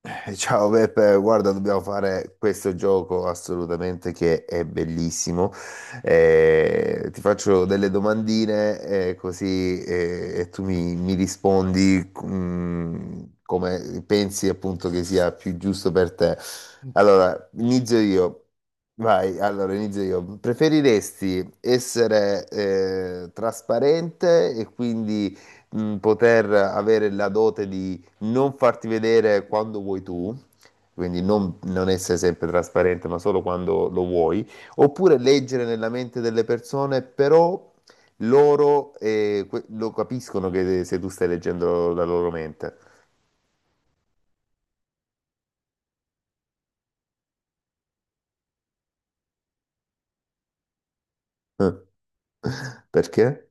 Ciao Beppe, guarda, dobbiamo fare questo gioco assolutamente che è bellissimo. Ti faccio delle domandine così e tu mi rispondi come pensi appunto che sia più giusto per te. Allora, inizio io. Vai, allora inizio io. Preferiresti essere trasparente e quindi poter avere la dote di non farti vedere quando vuoi tu, quindi non essere sempre trasparente, ma solo quando lo vuoi, oppure leggere nella mente delle persone, però loro lo capiscono che se tu stai leggendo la loro mente. Perché?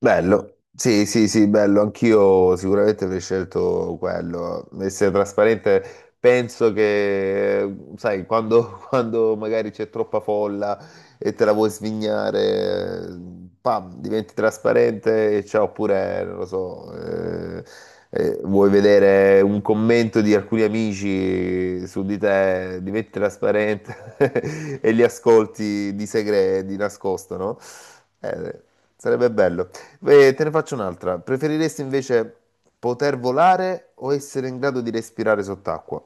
Bello, sì, sì, sì, bello, anch'io sicuramente avrei scelto quello, essere trasparente, penso che, sai, quando, quando magari c'è troppa folla e te la vuoi svignare, pam, diventi trasparente e ciao, oppure, non lo so, vuoi vedere un commento di alcuni amici su di te, diventi trasparente e li ascolti di segreto, di nascosto, no? Eh, sarebbe bello. Te ne faccio un'altra. Preferiresti invece poter volare o essere in grado di respirare sott'acqua?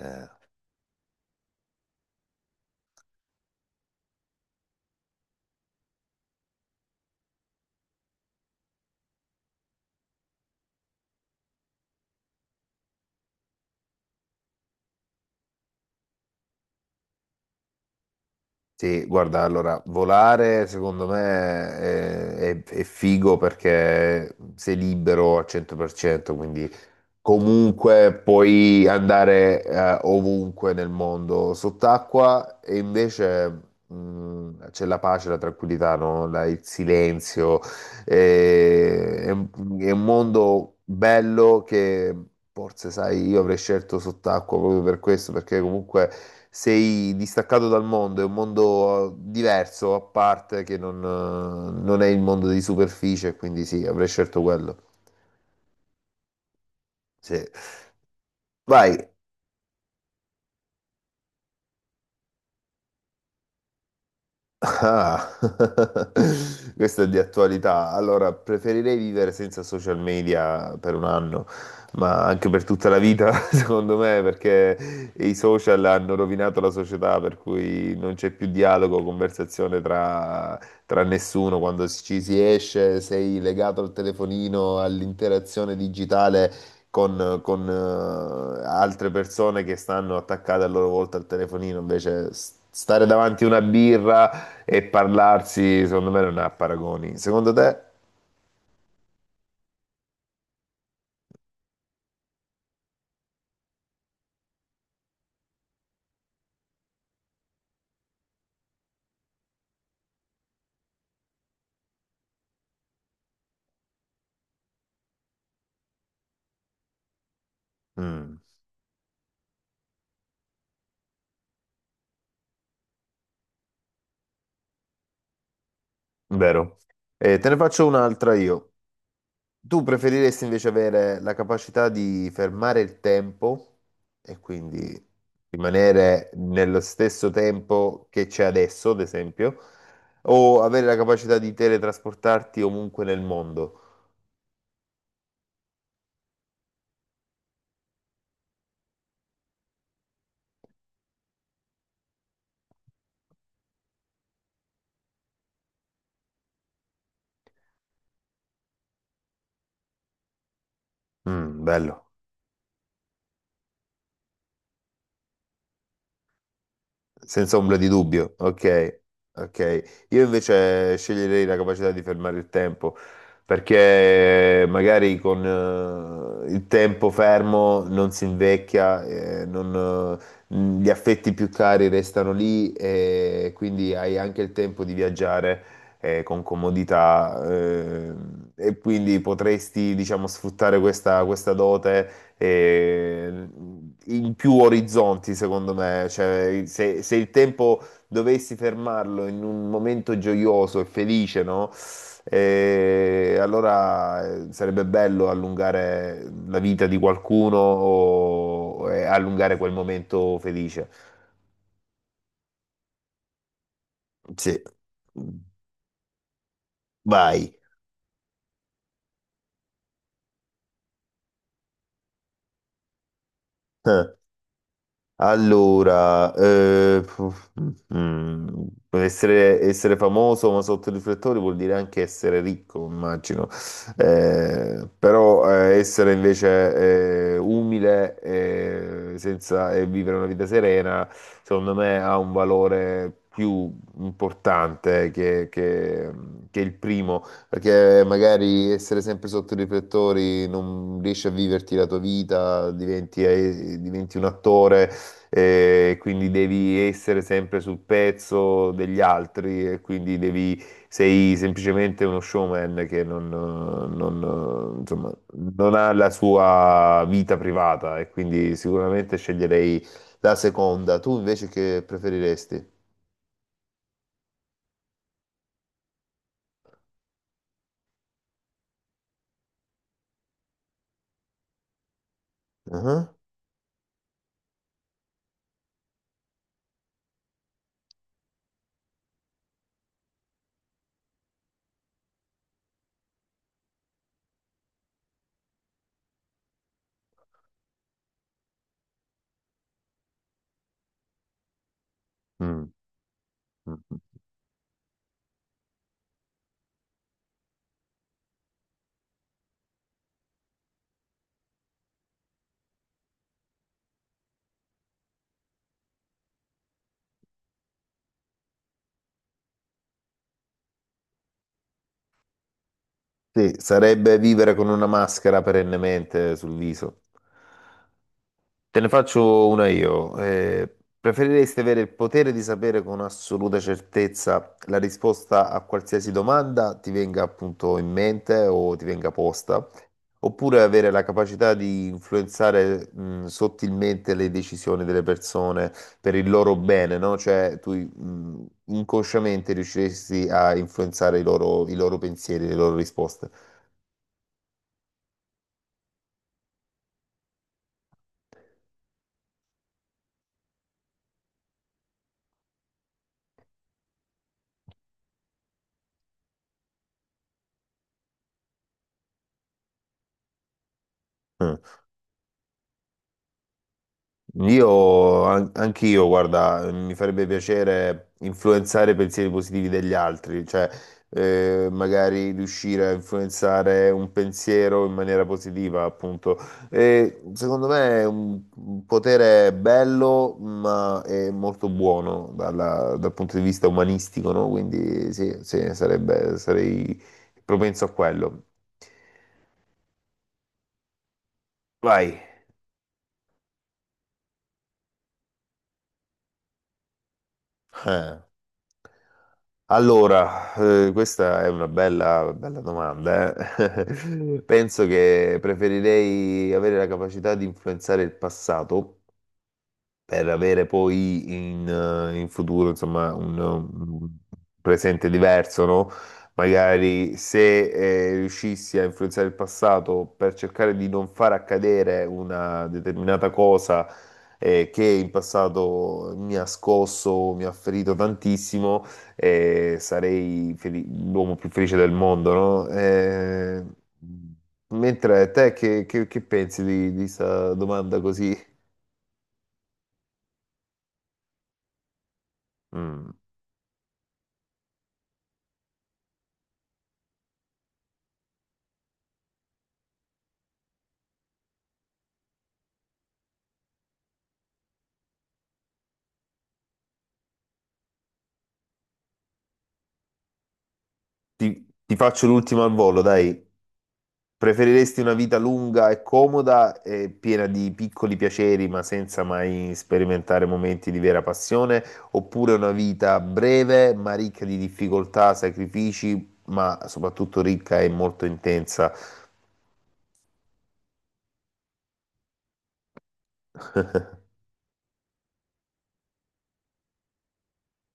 Eh, sì, guarda, allora, volare secondo me è, è figo perché sei libero al 100%, quindi comunque puoi andare ovunque nel mondo sott'acqua e invece c'è la pace, la tranquillità, no? Il silenzio. Eh, è, un è un mondo bello che forse, sai, io avrei scelto sott'acqua proprio per questo, perché comunque sei distaccato dal mondo, è un mondo diverso, a parte, che non, non è il mondo di superficie, quindi sì, avrei scelto quello. Sì. Vai. Ah, questo è di attualità. Allora, preferirei vivere senza social media per un anno, ma anche per tutta la vita, secondo me, perché i social hanno rovinato la società, per cui non c'è più dialogo, conversazione tra, tra nessuno. Quando ci si esce, sei legato al telefonino, all'interazione digitale. Con altre persone che stanno attaccate a loro volta al telefonino, invece stare davanti a una birra, e parlarsi, secondo me, non ha paragoni. Secondo te? Mm, vero. Te ne faccio un'altra io. Tu preferiresti invece avere la capacità di fermare il tempo e quindi rimanere nello stesso tempo che c'è adesso, ad esempio, o avere la capacità di teletrasportarti ovunque nel mondo? Mm, bello. Senza ombra di dubbio, ok, ok. Io invece sceglierei la capacità di fermare il tempo, perché magari con il tempo fermo non si invecchia, non, gli affetti più cari restano lì e quindi hai anche il tempo di viaggiare con comodità e quindi potresti, diciamo, sfruttare questa, questa dote eh, in più orizzonti, secondo me. Cioè, se, se il tempo dovessi fermarlo in un momento gioioso e felice, no? Allora sarebbe bello allungare la vita di qualcuno o e allungare quel momento felice. Sì, vai. Allora, mm, essere, essere famoso ma sotto i riflettori vuol dire anche essere ricco, immagino. Però essere invece umile senza, e vivere una vita serena, secondo me ha un valore più importante che il primo, perché magari essere sempre sotto i riflettori non riesci a viverti la tua vita, diventi diventi un attore quindi devi essere sempre sul pezzo degli altri e quindi devi, sei semplicemente uno showman che non, non, insomma, non ha la sua vita privata e quindi sicuramente sceglierei la seconda. Tu invece che preferiresti? Ah, mm, mm. Sì, sarebbe vivere con una maschera perennemente sul viso. Te ne faccio una io. Preferiresti avere il potere di sapere con assoluta certezza la risposta a qualsiasi domanda ti venga appunto in mente o ti venga posta, oppure avere la capacità di influenzare, sottilmente le decisioni delle persone per il loro bene, no? Cioè tu, inconsciamente riusciresti a influenzare i loro pensieri, le loro risposte. Mm. Io, anch'io, guarda, mi farebbe piacere influenzare i pensieri positivi degli altri, cioè magari riuscire a influenzare un pensiero in maniera positiva, appunto. E, secondo me è un potere bello, ma è molto buono dal punto di vista umanistico, no? Quindi sì, sì, sarebbe, sarei propenso a quello. Vai. Eh. Allora, questa è una bella, bella domanda, eh. Penso che preferirei avere la capacità di influenzare il passato per avere poi in, in futuro, insomma, un presente diverso, no? Magari se riuscissi a influenzare il passato per cercare di non far accadere una determinata cosa che in passato mi ha scosso, mi ha ferito tantissimo, eh, sarei feli- l'uomo più felice del mondo, no? Mentre te che pensi di questa domanda così? Mm. Ti faccio l'ultima al volo, dai. Preferiresti una vita lunga e comoda e piena di piccoli piaceri, ma senza mai sperimentare momenti di vera passione, oppure una vita breve, ma ricca di difficoltà, sacrifici, ma soprattutto ricca e molto intensa?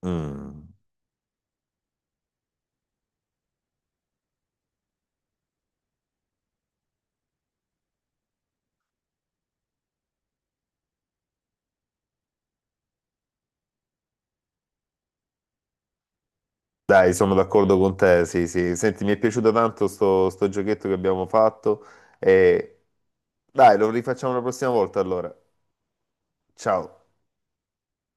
Mm. Dai, sono d'accordo con te, sì, sì. Senti, mi è piaciuto tanto sto giochetto che abbiamo fatto e dai, lo rifacciamo la prossima volta allora. Ciao.